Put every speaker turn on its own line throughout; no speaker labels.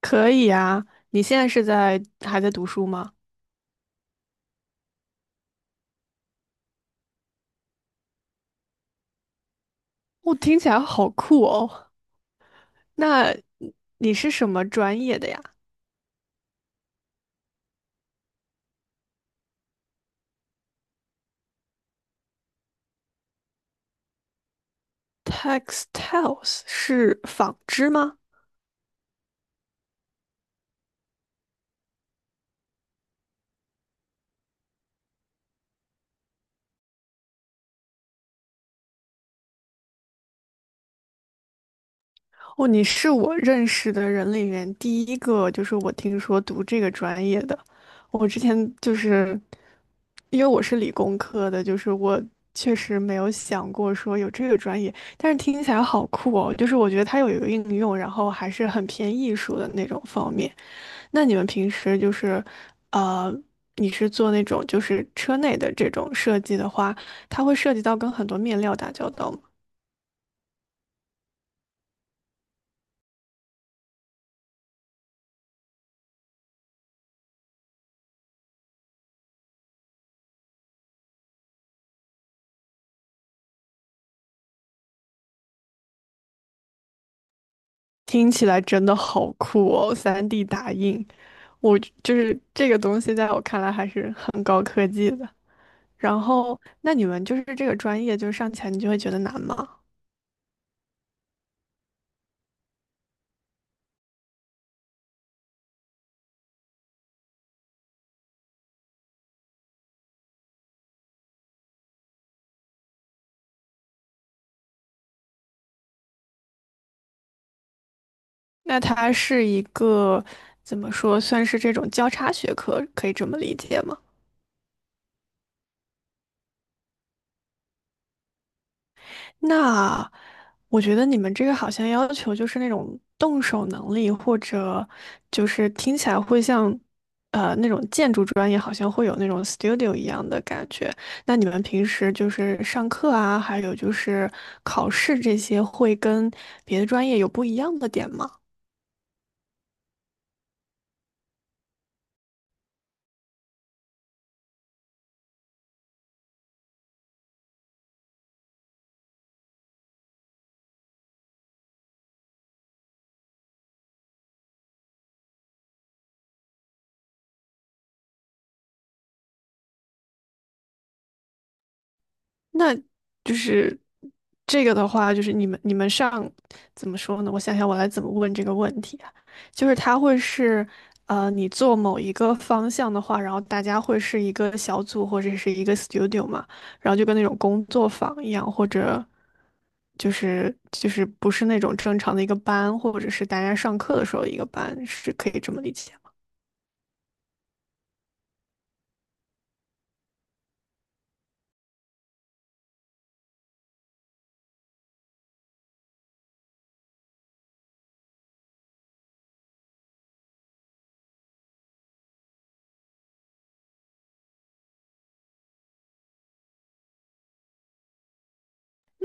可以啊，你现在还在读书吗？听起来好酷哦。那你是什么专业的呀？Textiles 是纺织吗？哦，你是我认识的人里面第一个，就是我听说读这个专业的。我之前就是因为我是理工科的，就是我确实没有想过说有这个专业，但是听起来好酷哦。就是我觉得它有一个应用，然后还是很偏艺术的那种方面。那你们平时就是，呃，你是做那种就是车内的这种设计的话，它会涉及到跟很多面料打交道吗？听起来真的好酷哦，3D 打印，我就是这个东西，在我看来还是很高科技的。然后，那你们就是这个专业，就是上起来你就会觉得难吗？那它是一个怎么说，算是这种交叉学科，可以这么理解吗？那我觉得你们这个好像要求就是那种动手能力，或者就是听起来会像，那种建筑专业好像会有那种 studio 一样的感觉。那你们平时就是上课啊，还有就是考试这些，会跟别的专业有不一样的点吗？那就是这个的话，就是你们你们上怎么说呢？我想想，我来怎么问这个问题啊？就是它会是，你做某一个方向的话，然后大家会是一个小组或者是一个 studio 嘛，然后就跟那种工作坊一样，或者就是不是那种正常的一个班，或者是大家上课的时候一个班，是可以这么理解。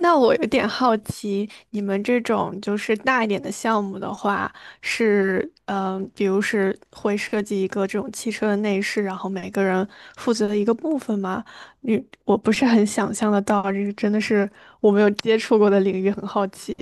那我有点好奇，你们这种就是大一点的项目的话，是比如是会设计一个这种汽车的内饰，然后每个人负责的一个部分吗？你我不是很想象得到，这个真的是我没有接触过的领域，很好奇。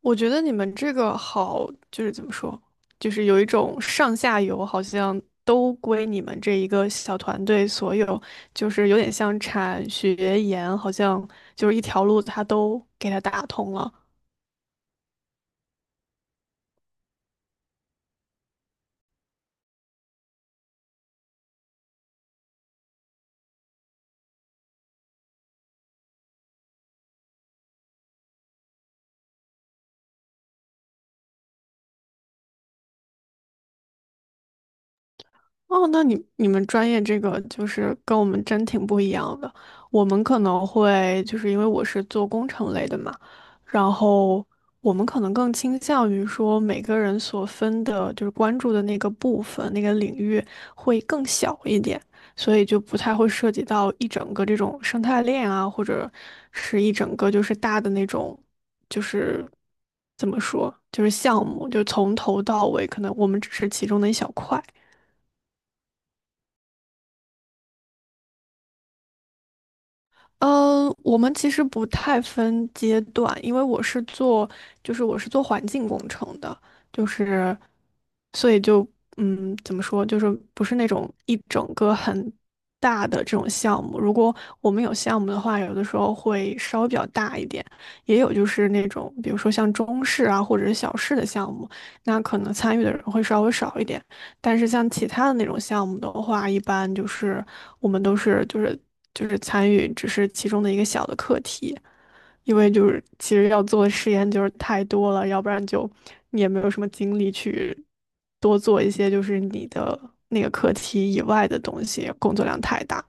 我觉得你们这个好，就是怎么说，就是有一种上下游好像都归你们这一个小团队所有，就是有点像产学研，好像就是一条路它都给它打通了。哦，那你们专业这个就是跟我们真挺不一样的。我们可能会就是因为我是做工程类的嘛，然后我们可能更倾向于说每个人所分的就是关注的那个部分、那个领域会更小一点，所以就不太会涉及到一整个这种生态链啊，或者是一整个就是大的那种就是怎么说，就是项目，就从头到尾，可能我们只是其中的一小块。我们其实不太分阶段，因为我是做，就是我是做环境工程的，就是，所以就，怎么说，就是不是那种一整个很大的这种项目。如果我们有项目的话，有的时候会稍微比较大一点，也有就是那种，比如说像中式啊或者是小式的项目，那可能参与的人会稍微少一点。但是像其他的那种项目的话，一般就是我们都是就是参与，只是其中的一个小的课题，因为就是其实要做的实验就是太多了，要不然就你也没有什么精力去多做一些就是你的那个课题以外的东西，工作量太大。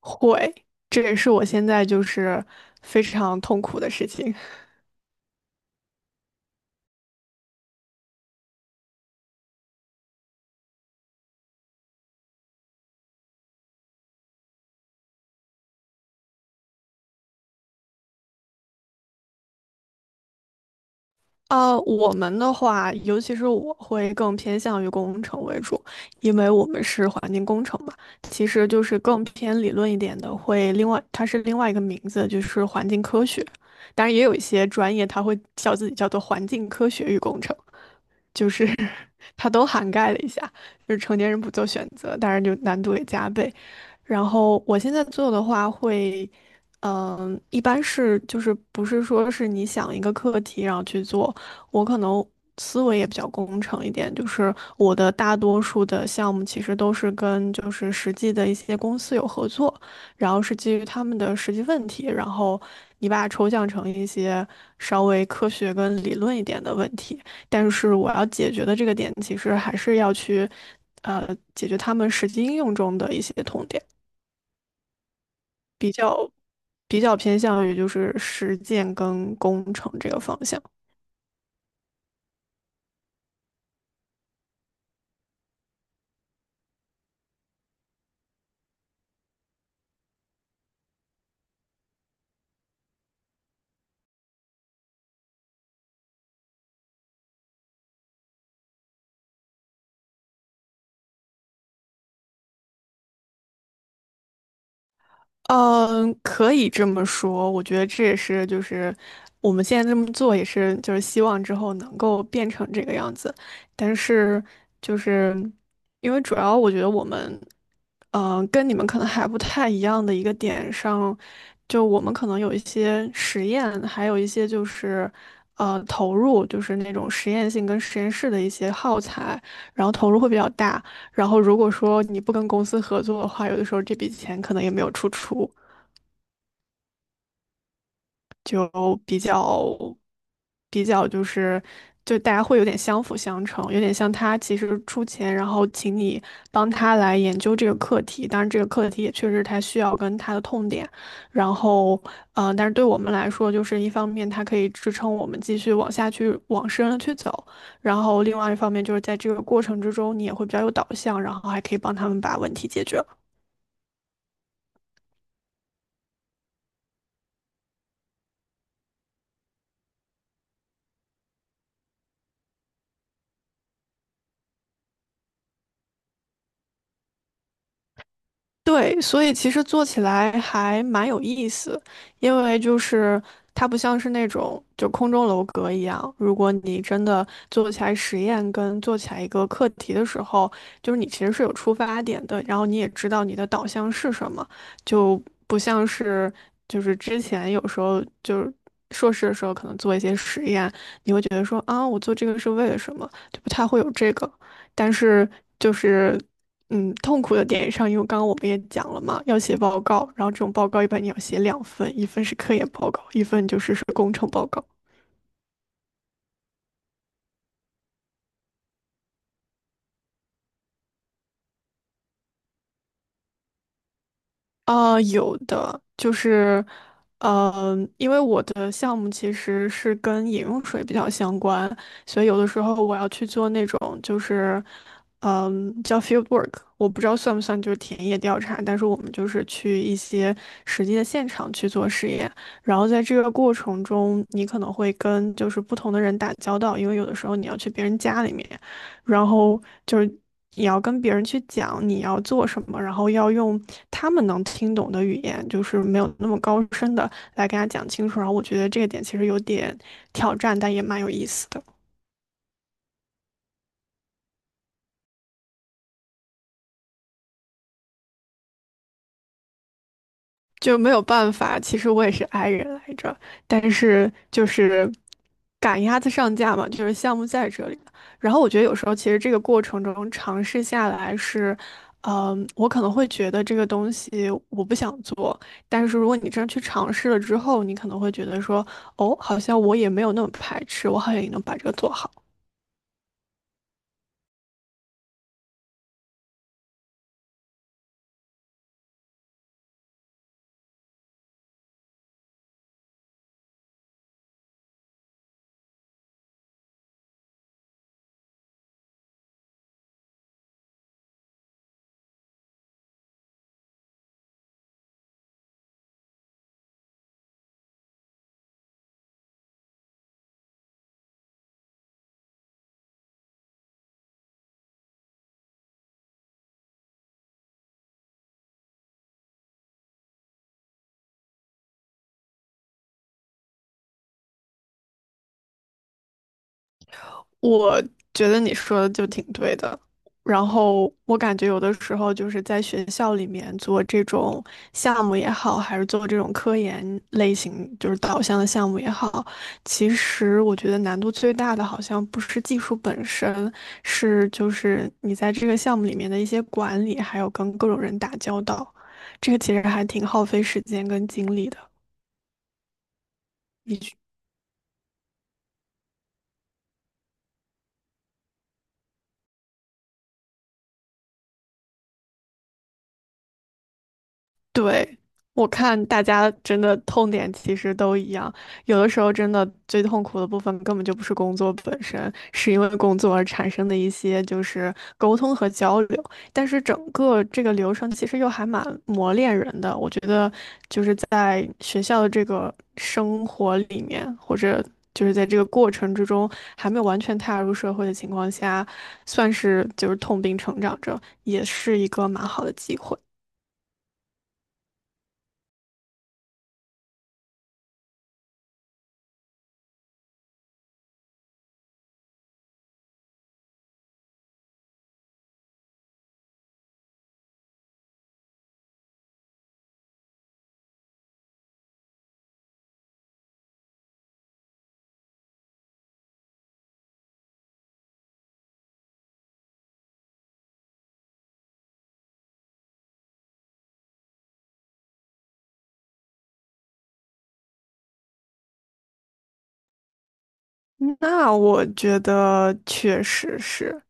会，这也是我现在就是非常痛苦的事情。我们的话，尤其是我会更偏向于工程为主，因为我们是环境工程嘛，其实就是更偏理论一点的，会另外它是另外一个名字，就是环境科学。当然，也有一些专业它会叫自己叫做环境科学与工程，就是 它都涵盖了一下，就是成年人不做选择，当然就难度也加倍。然后我现在做的话一般是就是不是说是你想一个课题然后去做，我可能思维也比较工程一点，就是我的大多数的项目其实都是跟就是实际的一些公司有合作，然后是基于他们的实际问题，然后你把它抽象成一些稍微科学跟理论一点的问题，但是我要解决的这个点其实还是要去。呃，解决他们实际应用中的一些痛点。比较偏向于就是实践跟工程这个方向。嗯，可以这么说，我觉得这也是就是我们现在这么做也是就是希望之后能够变成这个样子，但是就是因为主要我觉得我们，跟你们可能还不太一样的一个点上，就我们可能有一些实验，还有一些就是投入，就是那种实验性跟实验室的一些耗材，然后投入会比较大。然后如果说你不跟公司合作的话，有的时候这笔钱可能也没有出处，就比较比较就大家会有点相辅相成，有点像他其实出钱，然后请你帮他来研究这个课题，当然这个课题也确实他需要跟他的痛点，然后但是对我们来说，就是一方面它可以支撑我们继续往下去往深了去走，然后另外一方面就是在这个过程之中，你也会比较有导向，然后还可以帮他们把问题解决。对，所以其实做起来还蛮有意思，因为就是它不像是那种就空中楼阁一样，如果你真的做起来实验跟做起来一个课题的时候，就是你其实是有出发点的，然后你也知道你的导向是什么，就不像是就是之前有时候就是硕士的时候可能做一些实验，你会觉得说啊，我做这个是为了什么，就不太会有这个。但是就是痛苦的点上，因为刚刚我们也讲了嘛，要写报告，然后这种报告一般你要写两份，一份是科研报告，一份就是工程报告。啊，有的就是，因为我的项目其实是跟饮用水比较相关，所以有的时候我要去做那种就是，叫 field work，我不知道算不算就是田野调查，但是我们就是去一些实际的现场去做实验，然后在这个过程中，你可能会跟就是不同的人打交道，因为有的时候你要去别人家里面，然后就是。你要跟别人去讲你要做什么，然后要用他们能听懂的语言，就是没有那么高深的来跟他讲清楚。然后我觉得这个点其实有点挑战，但也蛮有意思的。就没有办法。其实我也是 i 人来着，但是就是赶鸭子上架嘛，就是项目在这里。然后我觉得有时候其实这个过程中尝试下来是，我可能会觉得这个东西我不想做，但是如果你真去尝试了之后，你可能会觉得说，哦，好像我也没有那么排斥，我好像也能把这个做好。我觉得你说的就挺对的。然后我感觉有的时候就是在学校里面做这种项目也好，还是做这种科研类型就是导向的项目也好，其实我觉得难度最大的好像不是技术本身，是就是你在这个项目里面的一些管理，还有跟各种人打交道，这个其实还挺耗费时间跟精力的。对，我看大家真的痛点其实都一样，有的时候真的最痛苦的部分根本就不是工作本身，是因为工作而产生的一些就是沟通和交流。但是整个这个流程其实又还蛮磨练人的，我觉得就是在学校的这个生活里面，或者就是在这个过程之中还没有完全踏入社会的情况下，算是就是痛并成长着，也是一个蛮好的机会。那我觉得确实是，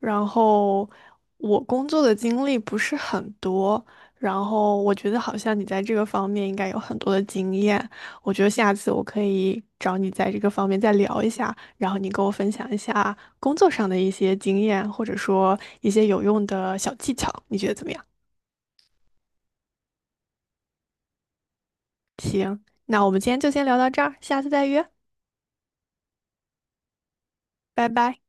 然后我工作的经历不是很多，然后我觉得好像你在这个方面应该有很多的经验，我觉得下次我可以找你在这个方面再聊一下，然后你跟我分享一下工作上的一些经验，或者说一些有用的小技巧，你觉得怎么样？行，那我们今天就先聊到这儿，下次再约，拜拜。